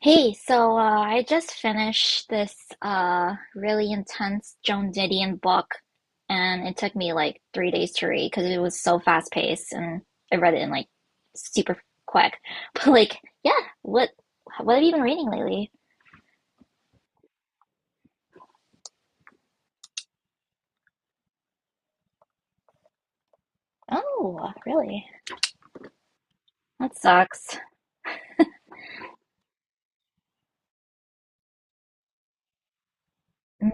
Hey, I just finished this really intense Joan Didion book, and it took me like 3 days to read because it was so fast paced, and I read it in like super quick. But like, yeah, what have you been reading lately? Oh, really? That sucks. Mm.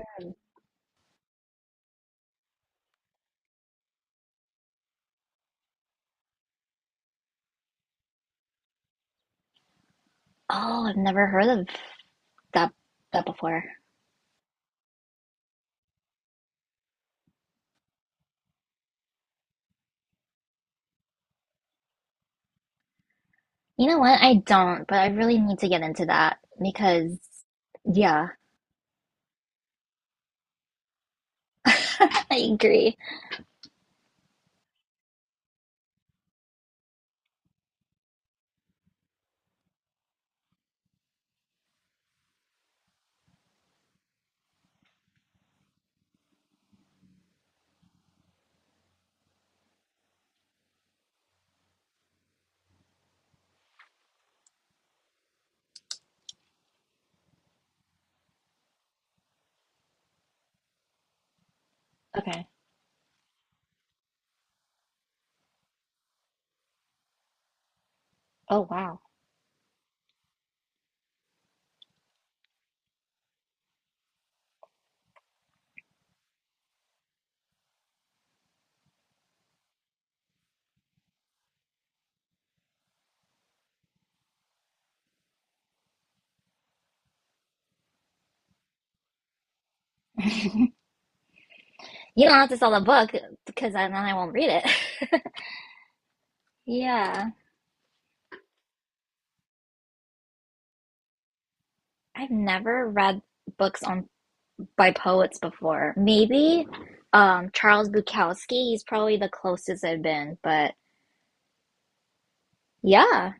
Oh, I've never heard of that that before. You know what? I don't, but I really need to get into that because, yeah, I agree. Okay. Oh, wow. You don't have to sell the book because then I won't read it. Yeah, I've never read books on by poets before. Maybe Charles Bukowski, he's probably the closest I've been, but yeah.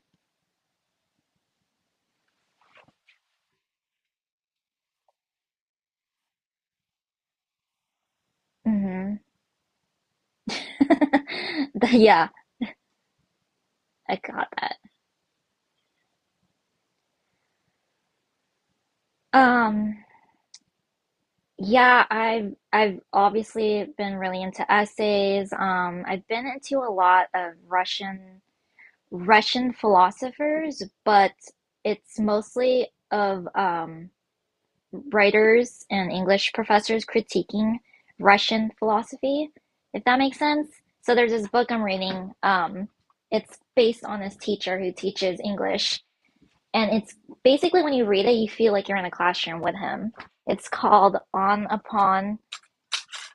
Hmm. Yeah, I got that. Um yeah, I've obviously been really into essays. I've been into a lot of Russian philosophers, but it's mostly of writers and English professors critiquing Russian philosophy, if that makes sense. So there's this book I'm reading. It's based on this teacher who teaches English, and it's basically when you read it, you feel like you're in a classroom with him. It's called On a Pond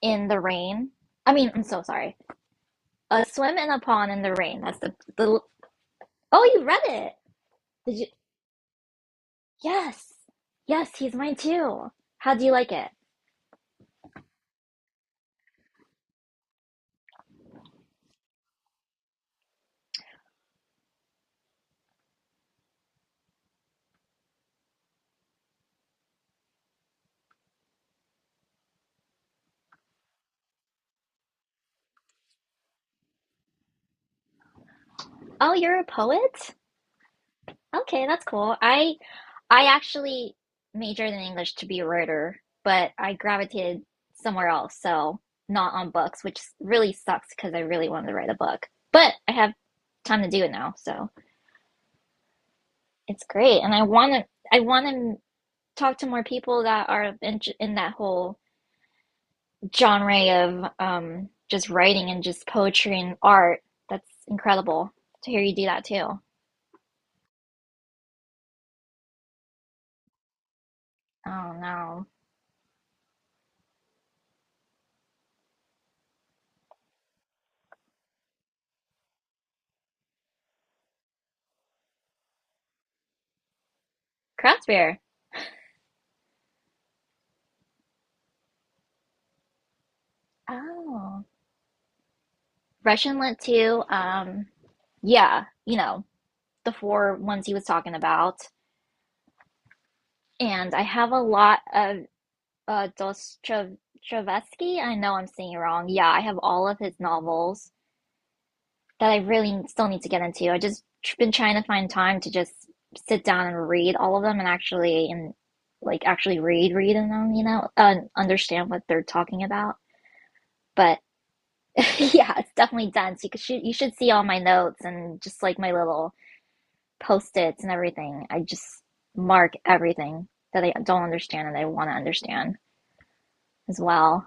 in the Rain. I mean, I'm so sorry. A swim in a pond in the rain. That's the. Oh, you read it? Did you? Yes, yes. He's mine too. How do you like it? Oh, you're a poet? Okay, that's cool. I actually majored in English to be a writer, but I gravitated somewhere else, so not on books, which really sucks because I really wanted to write a book. But I have time to do it now, so it's great. And I want to talk to more people that are in that whole genre of just writing and just poetry and art. That's incredible to hear you do that too. Oh no, craft beer. Oh. Russian Lit too. Yeah, you know, the four ones he was talking about. And I have a lot of Dostoevsky. I know I'm saying it wrong. Yeah, I have all of his novels that I really still need to get into. I just been trying to find time to just sit down and read all of them and actually and like actually read in them, you know, and understand what they're talking about. But yeah, it's definitely dense. You should see all my notes and just like my little post-its and everything. I just mark everything that I don't understand and I want to understand as well.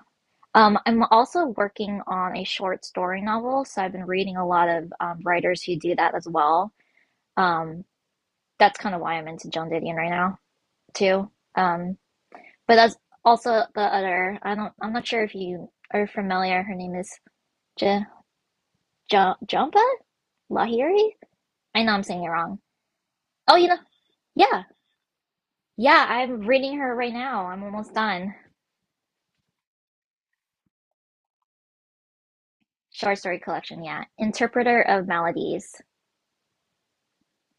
I'm also working on a short story novel, so I've been reading a lot of writers who do that as well. Um, that's kind of why I'm into Joan Didion right now too. But that's also the other. I don't. I'm not sure if you are familiar. Her name is J- Jumpa Lahiri. I know I'm saying it wrong. Oh, you know, yeah, yeah. I'm reading her right now. I'm almost done. Short story collection, yeah. Interpreter of Maladies.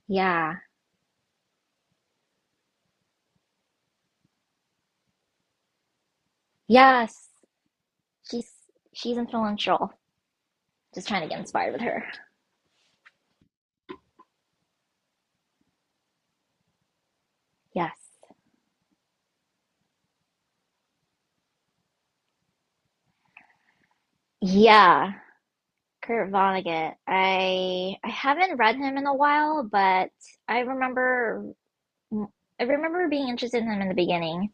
Yeah. Yes. She's she's influential. Just trying to get inspired with her. Yes. Yeah. Kurt Vonnegut. I haven't read him in a while, but I remember I remember being interested in him in the beginning.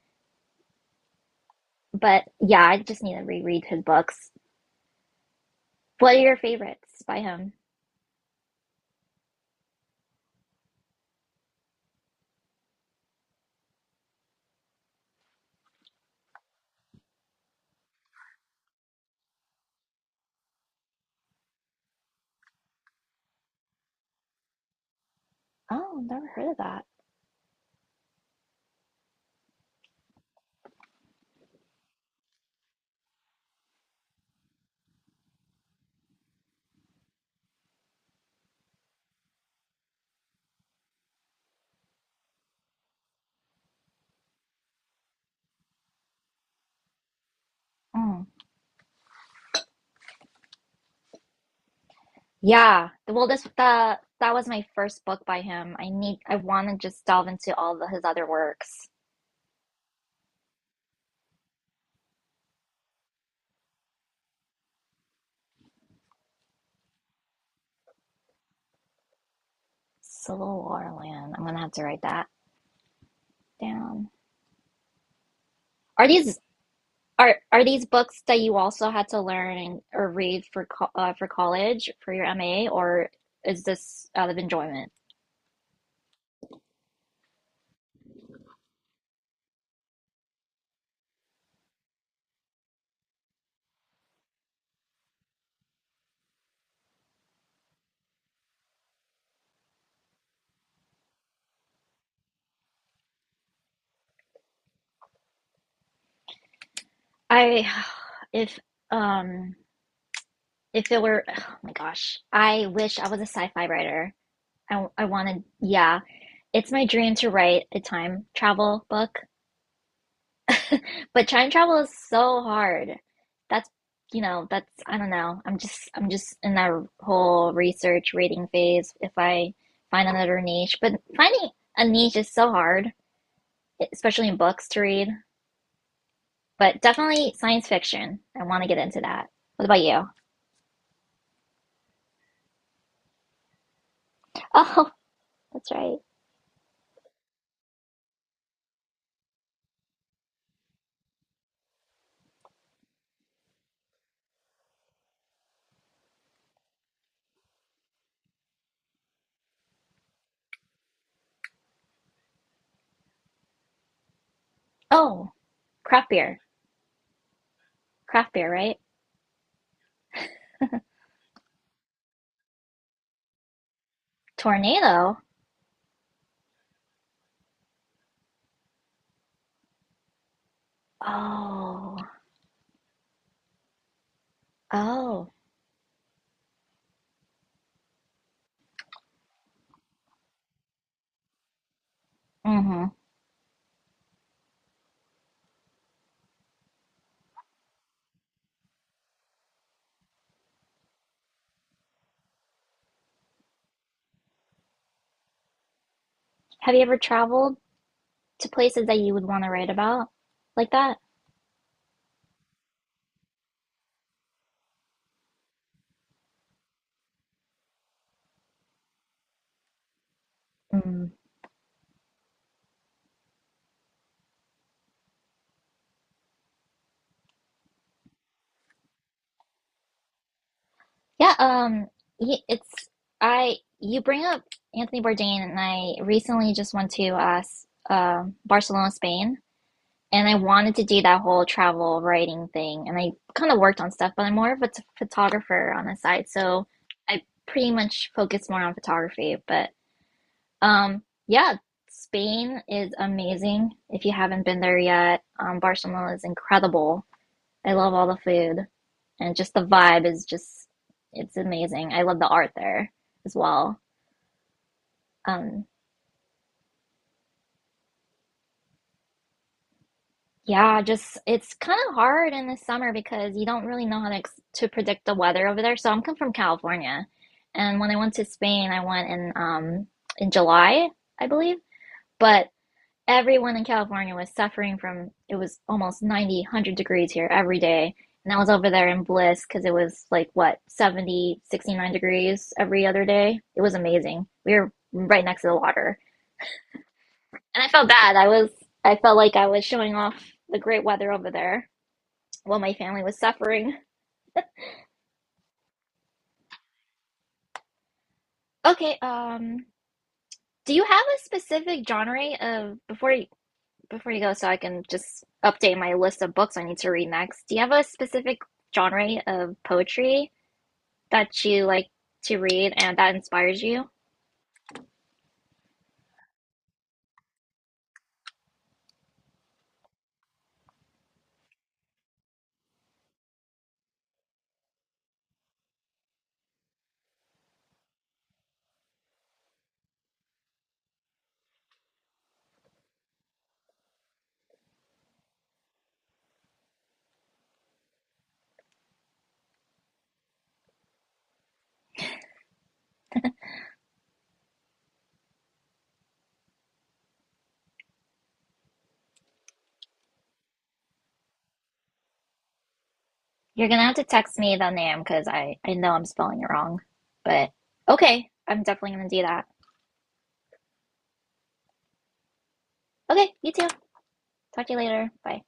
But yeah, I just need to reread his books. What are your favorites by him? Oh, never heard of that. Oh. Yeah, well, this the that was my first book by him. I want to just delve into all his other works. Civil War Land. I'm gonna have to write that down. Are these are these books that you also had to learn or read for co for college for your MA, or is this out of enjoyment? I if um if it were oh my gosh, I wish I was a sci-fi writer. I wanted yeah, it's my dream to write a time travel book. But time travel is so hard. That's, you know, that's, I don't know. I'm just in that whole research reading phase if I find another niche. But finding a niche is so hard, especially in books to read. But definitely science fiction. I want to get into that. What about you? Oh, that's right. Oh, craft beer. Craft beer, right? Tornado? Oh, oh. Mm-hmm. Have you ever traveled to places that you would want to write about like that? Mm. Yeah, y- it's I. You bring up Anthony Bourdain, and I recently just went to Barcelona, Spain, and I wanted to do that whole travel writing thing, and I kind of worked on stuff, but I'm more of a photographer on the side, so I pretty much focus more on photography. But yeah, Spain is amazing. If you haven't been there yet, Barcelona is incredible. I love all the food, and just the vibe is just it's amazing. I love the art there as well. Um, yeah, just it's kind of hard in the summer because you don't really know how to ex to predict the weather over there. So I'm come from California, and when I went to Spain, I went in July, I believe. But everyone in California was suffering from it was almost 90, 100 degrees here every day. And I was over there in bliss because it was like what, 70, 69 degrees every other day. It was amazing. We were right next to the water. And I felt bad. I felt like I was showing off the great weather over there while my family was suffering. Okay, do you have a specific genre of before you go so I can just update my list of books I need to read next? Do you have a specific genre of poetry that you like to read and that inspires you? You're gonna have to text me the name because I know I'm spelling it wrong. But okay, I'm definitely gonna do that. Okay, you too. Talk to you later. Bye.